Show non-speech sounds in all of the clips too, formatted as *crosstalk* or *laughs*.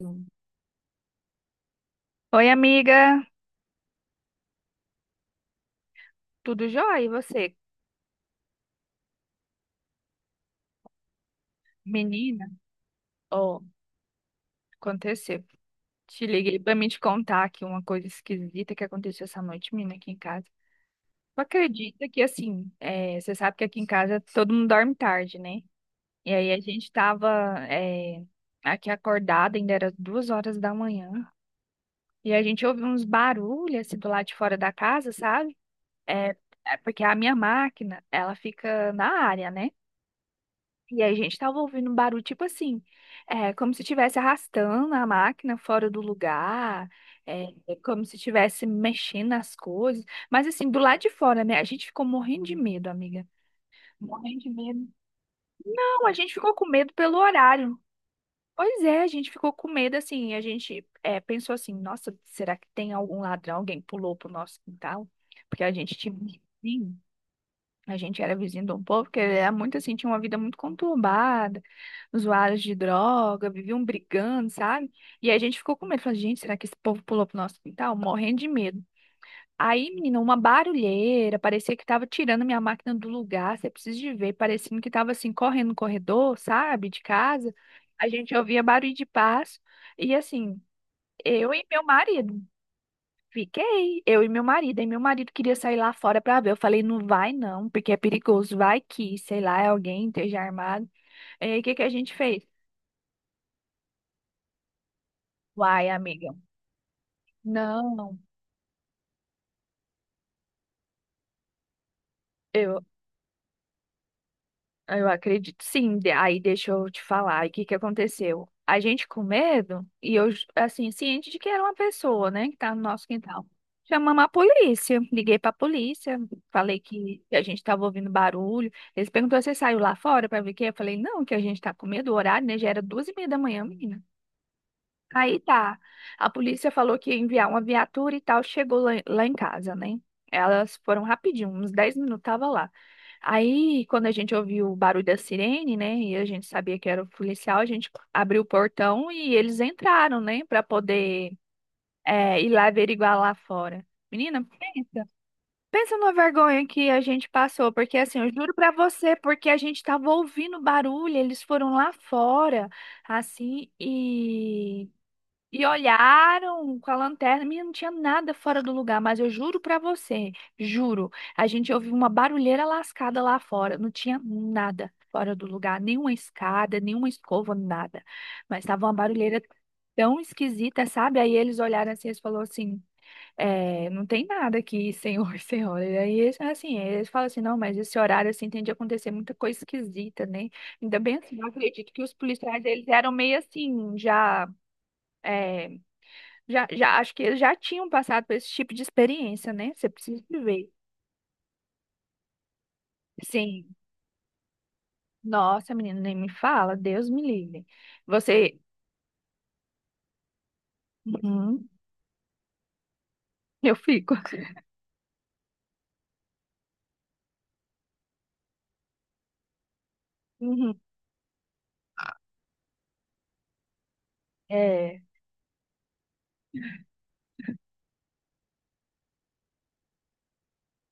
Hum. Oi, amiga, tudo jóia? E você? Menina, ó, aconteceu. Te liguei pra me te contar aqui uma coisa esquisita que aconteceu essa noite, menina, aqui em casa. Tu acredita que, assim, você sabe que aqui em casa todo mundo dorme tarde, né? E aí a gente tava, é, aqui acordada, ainda era 2 horas da manhã, e a gente ouviu uns barulhos, assim, do lado de fora da casa, sabe? É, é porque a minha máquina, ela fica na área, né? E aí, gente, tava ouvindo um barulho tipo assim, como se estivesse arrastando a máquina fora do lugar, como se estivesse mexendo nas coisas. Mas assim, do lado de fora, né? A gente ficou morrendo de medo, amiga. Morrendo de medo. Não, a gente ficou com medo pelo horário. Pois é, a gente ficou com medo assim. A gente pensou assim, nossa, será que tem algum ladrão? Alguém pulou pro nosso quintal? Porque a gente tinha medo. A gente era vizinho de um povo que era muito assim, tinha uma vida muito conturbada, usuários de droga, viviam brigando, sabe? E a gente ficou com medo, falou, gente, será que esse povo pulou pro nosso quintal? Morrendo de medo. Aí, menina, uma barulheira, parecia que tava tirando minha máquina do lugar, você precisa de ver, parecendo que tava assim, correndo no corredor, sabe, de casa. A gente ouvia barulho de passo, e assim, eu e meu marido. Fiquei, eu e meu marido. E meu marido queria sair lá fora pra ver. Eu falei, não vai não, porque é perigoso. Vai que, sei lá, é alguém esteja armado. E aí, o que que a gente fez? Uai, amiga. Não. Ah, eu acredito, sim. Aí deixa eu te falar, aí o que que aconteceu? A gente com medo, e eu, assim, ciente de que era uma pessoa, né, que tá no nosso quintal. Chamamos a polícia, liguei pra polícia, falei que a gente tava ouvindo barulho. Eles perguntaram, você saiu lá fora pra ver o quê? Eu falei, não, que a gente tá com medo, o horário, né, já era 2h30 da manhã, menina. Aí tá. A polícia falou que ia enviar uma viatura e tal, chegou lá, lá em casa, né? Elas foram rapidinho, uns 10 minutos tava lá. Aí, quando a gente ouviu o barulho da sirene, né, e a gente sabia que era o policial, a gente abriu o portão e eles entraram, né, pra poder ir lá averiguar lá fora. Menina, pensa. Pensa na vergonha que a gente passou, porque assim, eu juro pra você, porque a gente tava ouvindo barulho, eles foram lá fora, assim, e olharam com a lanterna, menina, não tinha nada fora do lugar, mas eu juro pra você, juro, a gente ouviu uma barulheira lascada lá fora, não tinha nada fora do lugar, nenhuma escada, nenhuma escova, nada. Mas tava uma barulheira tão esquisita, sabe? Aí eles olharam assim, eles falaram assim, não tem nada aqui, senhor, *laughs* senhora. E aí, eles, assim, eles falam assim, não, mas esse horário, assim, tem de acontecer muita coisa esquisita, né? Ainda bem assim, eu acredito que os policiais, eles eram meio assim, é, já, acho que eles já tinham passado por esse tipo de experiência, né? Você precisa viver. Sim. Nossa, menina, nem me fala. Deus me livre. Você. Uhum, eu fico. *laughs* Uhum. É.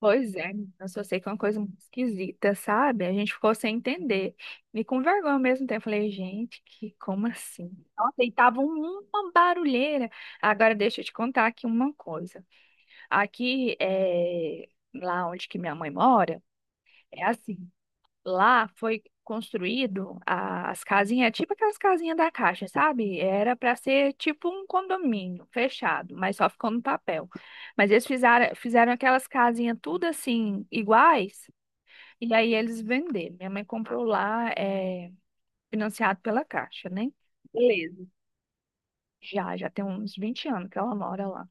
Pois é, menina, eu só sei que é uma coisa muito esquisita, sabe? A gente ficou sem entender. E com vergonha ao mesmo tempo. Eu falei, gente, que como assim? Nossa, e tava uma barulheira. Agora deixa eu te contar aqui uma coisa. Aqui, é, lá onde que minha mãe mora, é assim. Lá foi construído as casinhas, tipo aquelas casinhas da Caixa, sabe? Era para ser tipo um condomínio fechado, mas só ficou no papel. Mas eles fizeram, fizeram aquelas casinhas tudo assim, iguais, e aí eles venderam. Minha mãe comprou lá, é, financiado pela Caixa, né? Beleza. Já, já tem uns 20 anos que ela mora lá.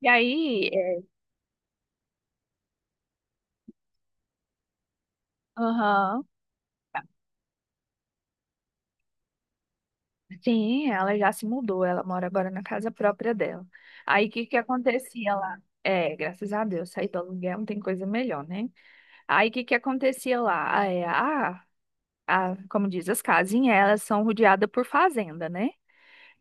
E aí, aham. Sim, ela já se mudou, ela mora agora na casa própria dela. Aí o que que acontecia lá? É, graças a Deus, sair do aluguel não tem coisa melhor, né? Aí o que que acontecia lá? Ah, é, a, como diz, as casinhas, elas são rodeadas por fazenda, né?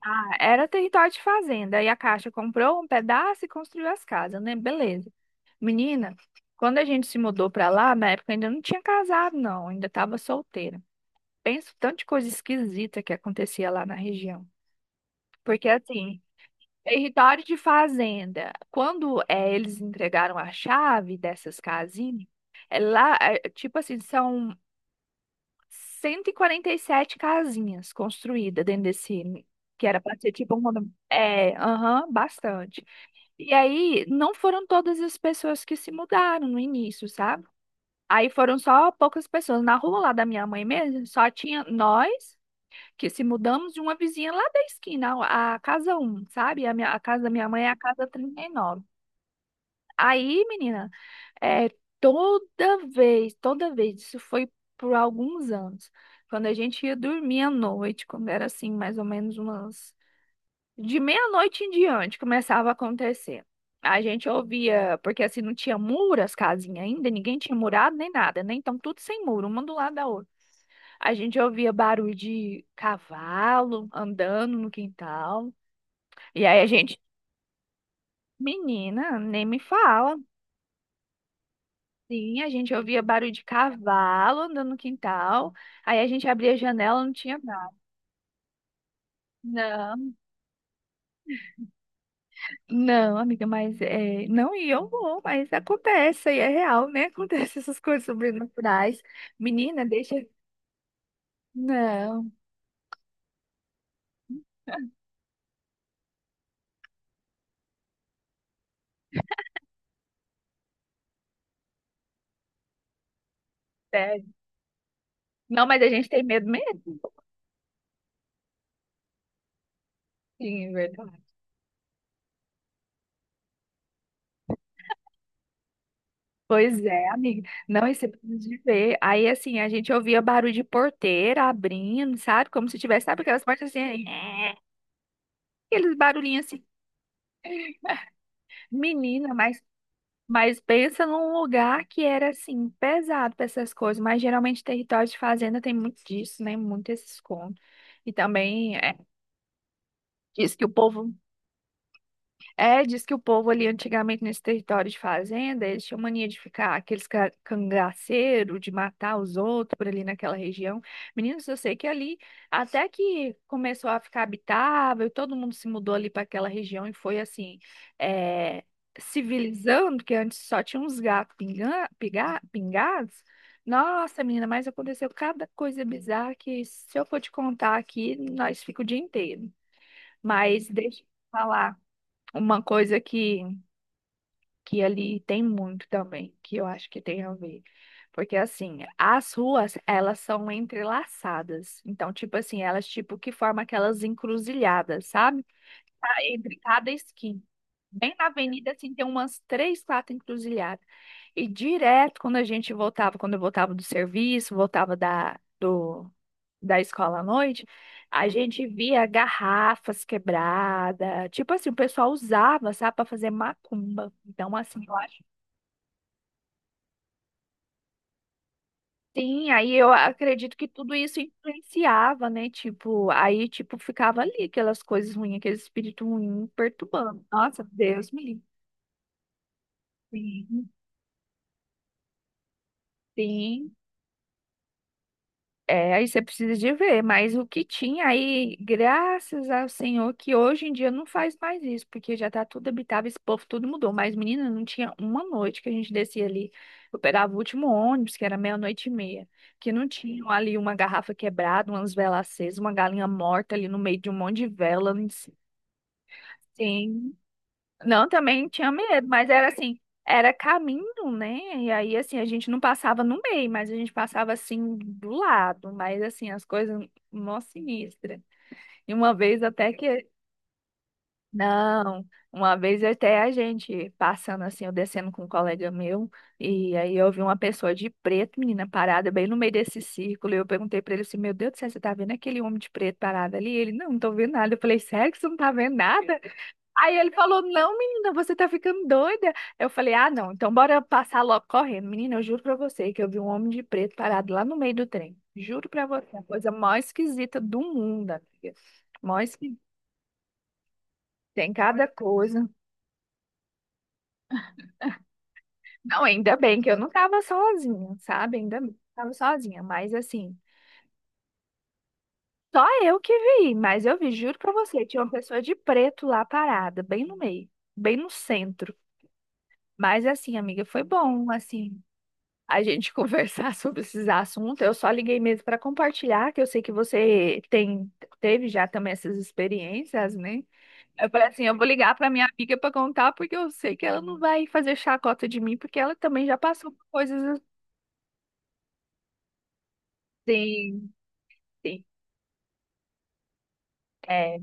Ah, era território de fazenda, e a Caixa comprou um pedaço e construiu as casas, né? Beleza. Menina, quando a gente se mudou pra lá, na época eu ainda não tinha casado, não, ainda estava solteira. Penso tanto de coisa esquisita que acontecia lá na região. Porque assim, território de fazenda. Quando eles entregaram a chave dessas casinhas, lá, tipo assim, são 147 casinhas construídas dentro desse, que era para ser tipo um condomínio. É, aham, bastante. E aí, não foram todas as pessoas que se mudaram no início, sabe? Aí foram só poucas pessoas. Na rua lá da minha mãe mesmo, só tinha nós que se mudamos de uma vizinha lá da esquina, a casa um, sabe? A minha, a casa da minha mãe é a casa 39. Aí, menina, é, toda vez, isso foi por alguns anos, quando a gente ia dormir à noite, quando era assim, mais ou menos umas. De meia-noite em diante começava a acontecer. A gente ouvia, porque assim não tinha muro as casinhas ainda, ninguém tinha murado nem nada, né? Então tudo sem muro, uma do lado da outra. A gente ouvia barulho de cavalo andando no quintal. E aí a gente, menina, nem me fala. Sim, a gente ouvia barulho de cavalo andando no quintal. Aí a gente abria a janela, não tinha nada. Não, não, amiga, mas é, não e eu vou, mas acontece, aí é real, né? *laughs* Acontece essas coisas sobrenaturais. Menina, deixa. Não, *laughs* sério. Não, mas a gente tem medo mesmo. Sim, verdade. Pois é, amiga. Não, isso é de ver. Aí, assim, a gente ouvia barulho de porteira abrindo, sabe? Como se tivesse, sabe aquelas portas assim, aí, aqueles barulhinhos assim. Menina, mas pensa num lugar que era, assim, pesado para essas coisas. Mas geralmente território de fazenda tem muito disso, né? Muito esse escondo. E também é, diz que o povo é, diz que o povo ali antigamente nesse território de fazenda, eles tinham mania de ficar aqueles cangaceiro, de matar os outros por ali naquela região. Meninos, eu sei que ali, até que começou a ficar habitável, todo mundo se mudou ali para aquela região e foi assim, é, civilizando, que antes só tinha uns gatos pingados. Nossa, menina, mas aconteceu cada coisa bizarra que se eu for te contar aqui, nós fica o dia inteiro. Mas deixa eu te falar. Uma coisa que ali tem muito também, que eu acho que tem a ver. Porque assim, as ruas, elas são entrelaçadas. Então, tipo assim, elas tipo que formam aquelas encruzilhadas, sabe? Tá. Entre cada esquina. Bem na avenida, assim, tem umas três, quatro encruzilhadas. E direto, quando a gente voltava, quando eu voltava do serviço, voltava da escola à noite, a gente via garrafas quebradas. Tipo assim, o pessoal usava, sabe, para fazer macumba. Então, assim, eu acho. Sim, aí eu acredito que tudo isso influenciava, né? Tipo, aí, tipo, ficava ali aquelas coisas ruins, aquele espírito ruim perturbando. Nossa, Deus me livre. Sim, sim. É, aí você precisa de ver, mas o que tinha aí, graças ao Senhor, que hoje em dia não faz mais isso, porque já tá tudo habitável, esse povo tudo mudou. Mas, menina, não tinha uma noite que a gente descia ali. Eu pegava o último ônibus, que era meia-noite e meia, que não tinha ali uma garrafa quebrada, umas velas acesas, uma galinha morta ali no meio de um monte de vela, um não, também tinha medo, mas era assim, era caminho, né? E aí, assim, a gente não passava no meio, mas a gente passava assim do lado, mas assim, as coisas mó sinistra. E uma vez até que. Não, uma vez até a gente passando assim, eu descendo com um colega meu, e aí eu vi uma pessoa de preto, menina, parada bem no meio desse círculo, e eu perguntei pra ele assim, meu Deus do céu, você tá vendo aquele homem de preto parado ali? Ele, não, não tô vendo nada. Eu falei, sério que você não tá vendo nada? Aí ele falou: não, menina, você tá ficando doida. Eu falei: ah, não, então bora passar logo correndo. Menina, eu juro pra você que eu vi um homem de preto parado lá no meio do trem. Juro pra você, a coisa mais esquisita do mundo, amiga. Mó esquisita. Tem cada coisa. Não, ainda bem que eu não tava sozinha, sabe? Ainda bem que eu tava sozinha, mas assim, só eu que vi, mas eu vi, juro pra você, tinha uma pessoa de preto lá parada, bem no meio, bem no centro. Mas assim, amiga, foi bom, assim a gente *laughs* conversar sobre esses assuntos. Eu só liguei mesmo para compartilhar, que eu sei que você tem, teve já também essas experiências, né? Eu falei assim, eu vou ligar para minha amiga para contar, porque eu sei que ela não vai fazer chacota de mim, porque ela também já passou por coisas assim. Sim, é,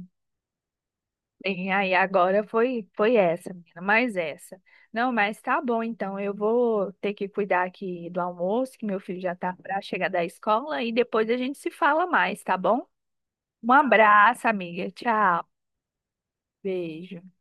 tem aí agora foi essa, menina, mais essa. Não, mas tá bom, então eu vou ter que cuidar aqui do almoço, que meu filho já tá para chegar da escola e depois a gente se fala mais, tá bom? Um abraço, amiga. Tchau. Beijo.